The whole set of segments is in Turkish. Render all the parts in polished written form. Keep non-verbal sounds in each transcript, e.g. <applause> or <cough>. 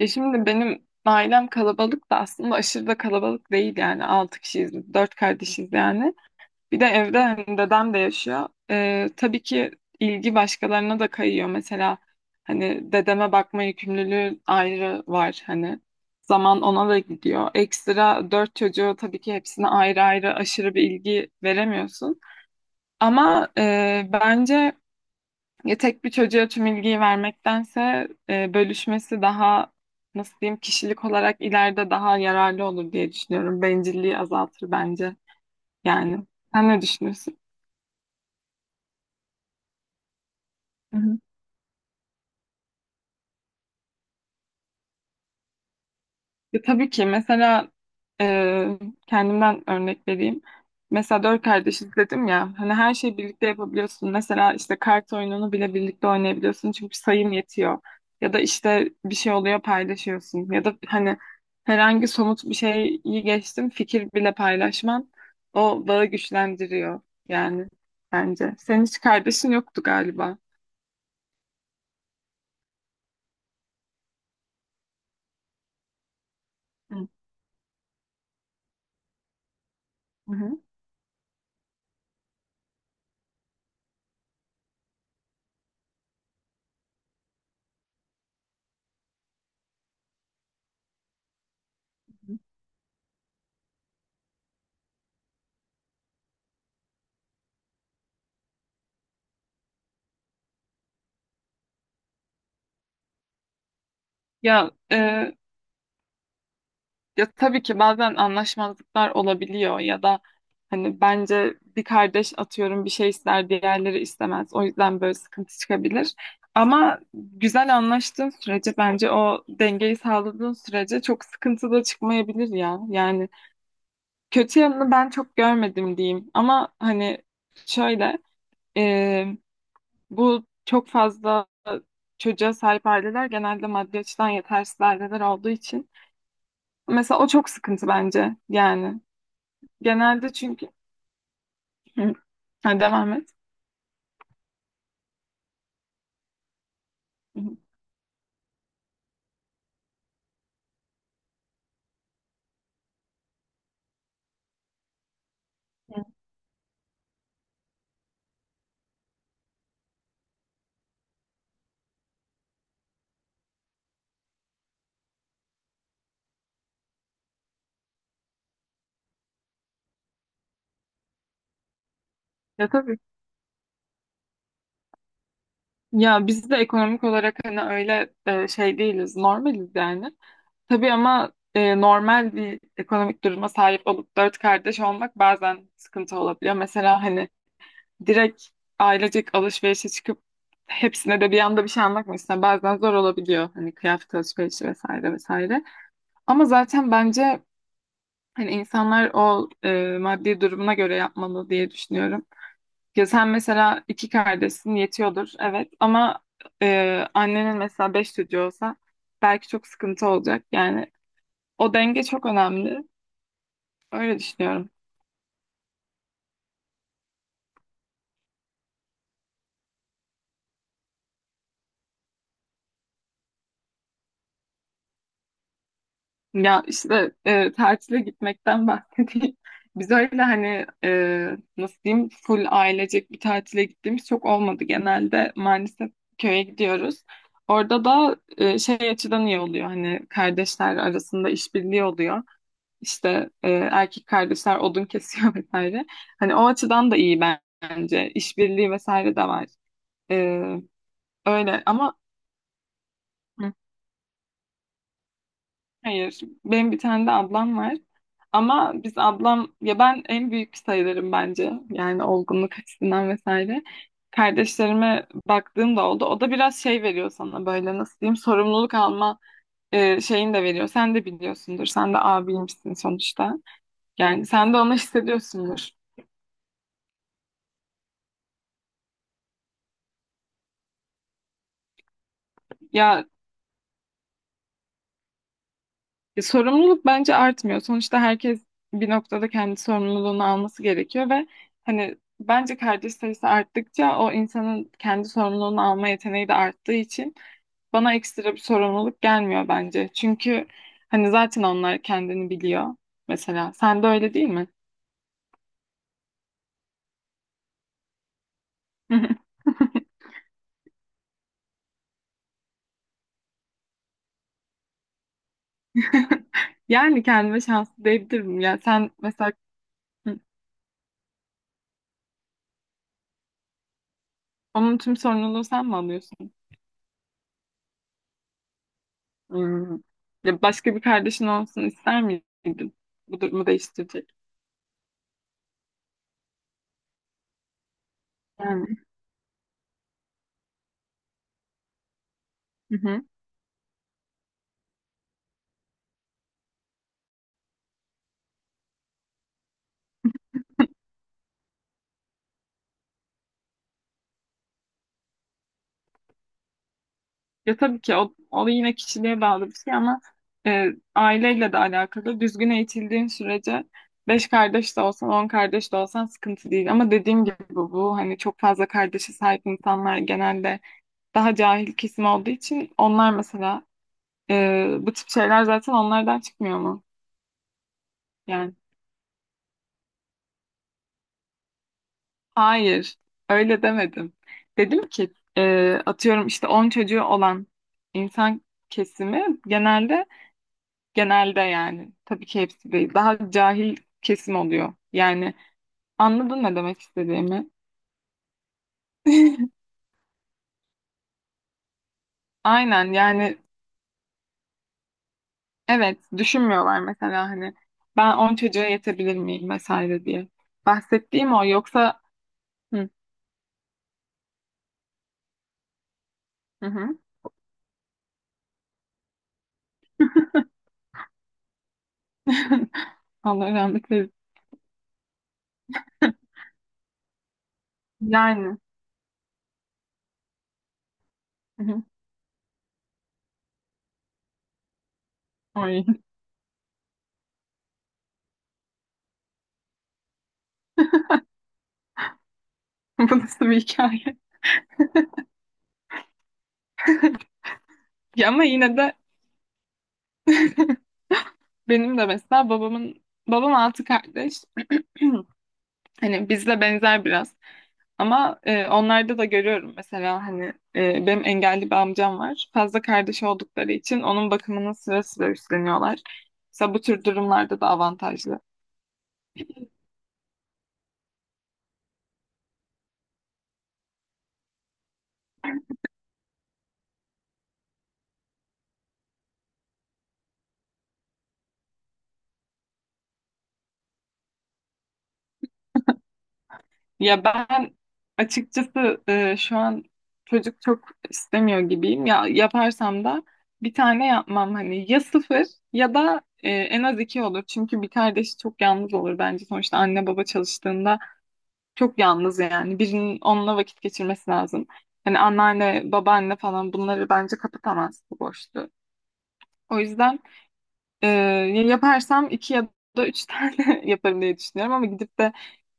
E şimdi benim ailem kalabalık da aslında aşırı da kalabalık değil yani. Altı kişiyiz, dört kardeşiz yani. Bir de evde hani dedem de yaşıyor. E, tabii ki ilgi başkalarına da kayıyor. Mesela hani dedeme bakma yükümlülüğü ayrı var hani. Zaman ona da gidiyor. Ekstra dört çocuğu tabii ki hepsine ayrı ayrı aşırı bir ilgi veremiyorsun. Ama bence ya tek bir çocuğa tüm ilgiyi vermektense bölüşmesi daha nasıl diyeyim kişilik olarak ileride daha yararlı olur diye düşünüyorum. Bencilliği azaltır bence yani. Sen ne düşünüyorsun? Ya tabii ki mesela e, kendimden örnek vereyim. Mesela dört kardeşiz dedim ya hani her şeyi birlikte yapabiliyorsun. Mesela işte kart oyununu bile birlikte oynayabiliyorsun çünkü sayım yetiyor. Ya da işte bir şey oluyor paylaşıyorsun. Ya da hani herhangi somut bir şeyi geçtim fikir bile paylaşman o bağı güçlendiriyor yani bence. Senin hiç kardeşin yoktu galiba. Hı hı. Ya e, Ya tabii ki bazen anlaşmazlıklar olabiliyor ya da hani bence bir kardeş atıyorum bir şey ister diğerleri istemez. O yüzden böyle sıkıntı çıkabilir. Ama güzel anlaştığın sürece bence o dengeyi sağladığın sürece çok sıkıntı da çıkmayabilir ya. Yani kötü yanını ben çok görmedim diyeyim. Ama hani şöyle e, bu çok fazla çocuğa sahip aileler genelde maddi açıdan yetersiz aileler olduğu için. Mesela o çok sıkıntı bence yani. Genelde çünkü. Hı. Ha, devam et. Hı hı. Ya tabii. Ya biz de ekonomik olarak hani öyle şey değiliz, normaliz yani. Tabii ama normal bir ekonomik duruma sahip olup dört kardeş olmak bazen sıkıntı olabiliyor. Mesela hani direkt ailecek alışverişe çıkıp hepsine de bir anda bir şey almak mesela. Bazen zor olabiliyor hani kıyafet alışverişi vesaire vesaire. Ama zaten bence hani insanlar o maddi durumuna göre yapmalı diye düşünüyorum. Ya sen mesela iki kardeşsin yetiyordur evet ama annenin mesela beş çocuğu olsa belki çok sıkıntı olacak. Yani o denge çok önemli. Öyle düşünüyorum. Ya işte tatile gitmekten bahsedeyim. <laughs> Biz öyle hani nasıl diyeyim full ailecek bir tatile gittiğimiz çok olmadı. Genelde maalesef köye gidiyoruz. Orada da şey açıdan iyi oluyor hani kardeşler arasında işbirliği oluyor. İşte erkek kardeşler odun kesiyor <laughs> vesaire. Hani o açıdan da iyi bence. İşbirliği vesaire de var. E, öyle ama. Hı. Hayır. Benim bir tane de ablam var. Ama biz ablam ya ben en büyük sayılırım bence. Yani olgunluk açısından vesaire. Kardeşlerime baktığım da oldu. O da biraz şey veriyor sana böyle nasıl diyeyim sorumluluk alma şeyini de veriyor. Sen de biliyorsundur. Sen de abiymişsin sonuçta. Yani sen de onu hissediyorsundur. Ya sorumluluk bence artmıyor. Sonuçta herkes bir noktada kendi sorumluluğunu alması gerekiyor ve hani bence kardeş sayısı arttıkça o insanın kendi sorumluluğunu alma yeteneği de arttığı için bana ekstra bir sorumluluk gelmiyor bence. Çünkü hani zaten onlar kendini biliyor. Mesela sen de öyle değil mi? <laughs> Yani kendime şanslı diyebilirim. Ya sen mesela hı, onun tüm sorumluluğu sen mi alıyorsun? Hmm. Ya başka bir kardeşin olsun ister miydin? Bu durumu değiştirecek. Yani. Hı hı. Ya tabii ki o yine kişiliğe bağlı bir şey ama e, aileyle de alakalı. Düzgün eğitildiğin sürece beş kardeş de olsan, 10 kardeş de olsan sıkıntı değil. Ama dediğim gibi bu hani çok fazla kardeşe sahip insanlar genelde daha cahil kesim olduğu için onlar mesela bu tip şeyler zaten onlardan çıkmıyor mu? Yani. Hayır, öyle demedim. Dedim ki atıyorum işte 10 çocuğu olan insan kesimi genelde yani tabii ki hepsi değil daha cahil kesim oluyor. Yani anladın ne demek istediğimi? <laughs> Aynen yani evet düşünmüyorlar mesela hani ben 10 çocuğa yetebilir miyim vesaire diye. Bahsettiğim o yoksa. Hı hı. Hı. <laughs> Allah rahmet eylesin. <laughs> Yani. Hı hı. Ay, <laughs> bu nasıl bir hikaye? Ya ama yine de benim de mesela babamın babam altı kardeş. Hani bizle benzer biraz. Ama onlarda da görüyorum mesela hani benim engelli bir amcam var. Fazla kardeş oldukları için onun bakımının sıra sıra üstleniyorlar. Mesela bu tür durumlarda da avantajlı. Ya ben açıkçası şu an çocuk çok istemiyor gibiyim. Ya yaparsam da bir tane yapmam hani ya sıfır ya da en az iki olur. Çünkü bir kardeşi çok yalnız olur bence. Sonuçta anne baba çalıştığında çok yalnız yani. Birinin onunla vakit geçirmesi lazım. Hani anneanne, babaanne falan bunları bence kapatamaz bu boşluğu. O yüzden ya yaparsam iki ya da üç <laughs> tane yaparım diye düşünüyorum ama gidip de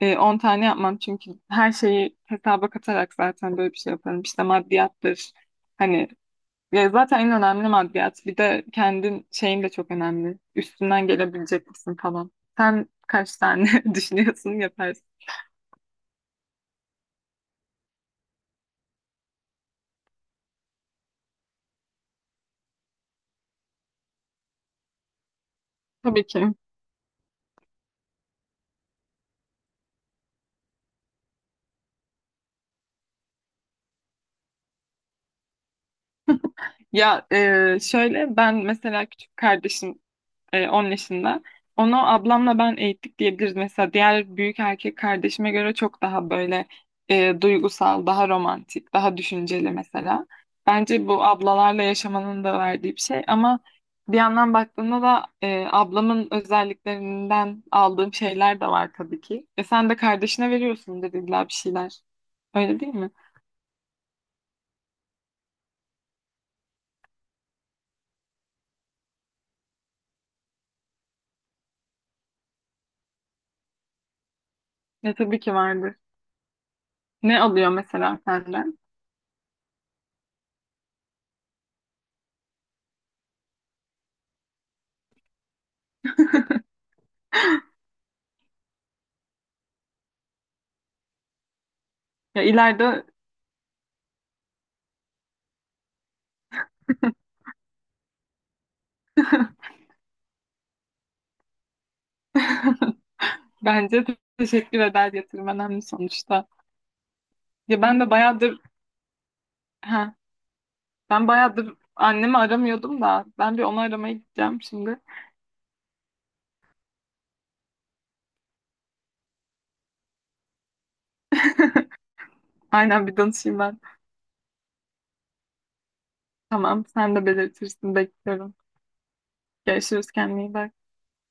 10 tane yapmam çünkü her şeyi hesaba katarak zaten böyle bir şey yaparım. İşte maddiyattır. Hani ya zaten en önemli maddiyat. Bir de kendin şeyin de çok önemli. Üstünden gelebilecek misin falan. Sen kaç tane <laughs> düşünüyorsun yaparsın. Tabii ki. Ya şöyle ben mesela küçük kardeşim 10 yaşında. Onu ablamla ben eğittik diyebiliriz. Mesela diğer büyük erkek kardeşime göre çok daha böyle duygusal, daha romantik, daha düşünceli mesela. Bence bu ablalarla yaşamanın da verdiği bir şey ama bir yandan baktığında da ablamın özelliklerinden aldığım şeyler de var tabii ki. E sen de kardeşine veriyorsun dediler bir şeyler. Öyle değil mi? Ya tabii ki vardır. Ne alıyor mesela senden? Ya ileride. <laughs> Bence de teşekkür eder yatırım önemli sonuçta. Ya ha ben bayağıdır annemi aramıyordum da ben bir onu aramaya gideceğim şimdi. <laughs> Aynen bir danışayım ben. Tamam sen de belirtirsin bekliyorum. Görüşürüz kendine iyi bak.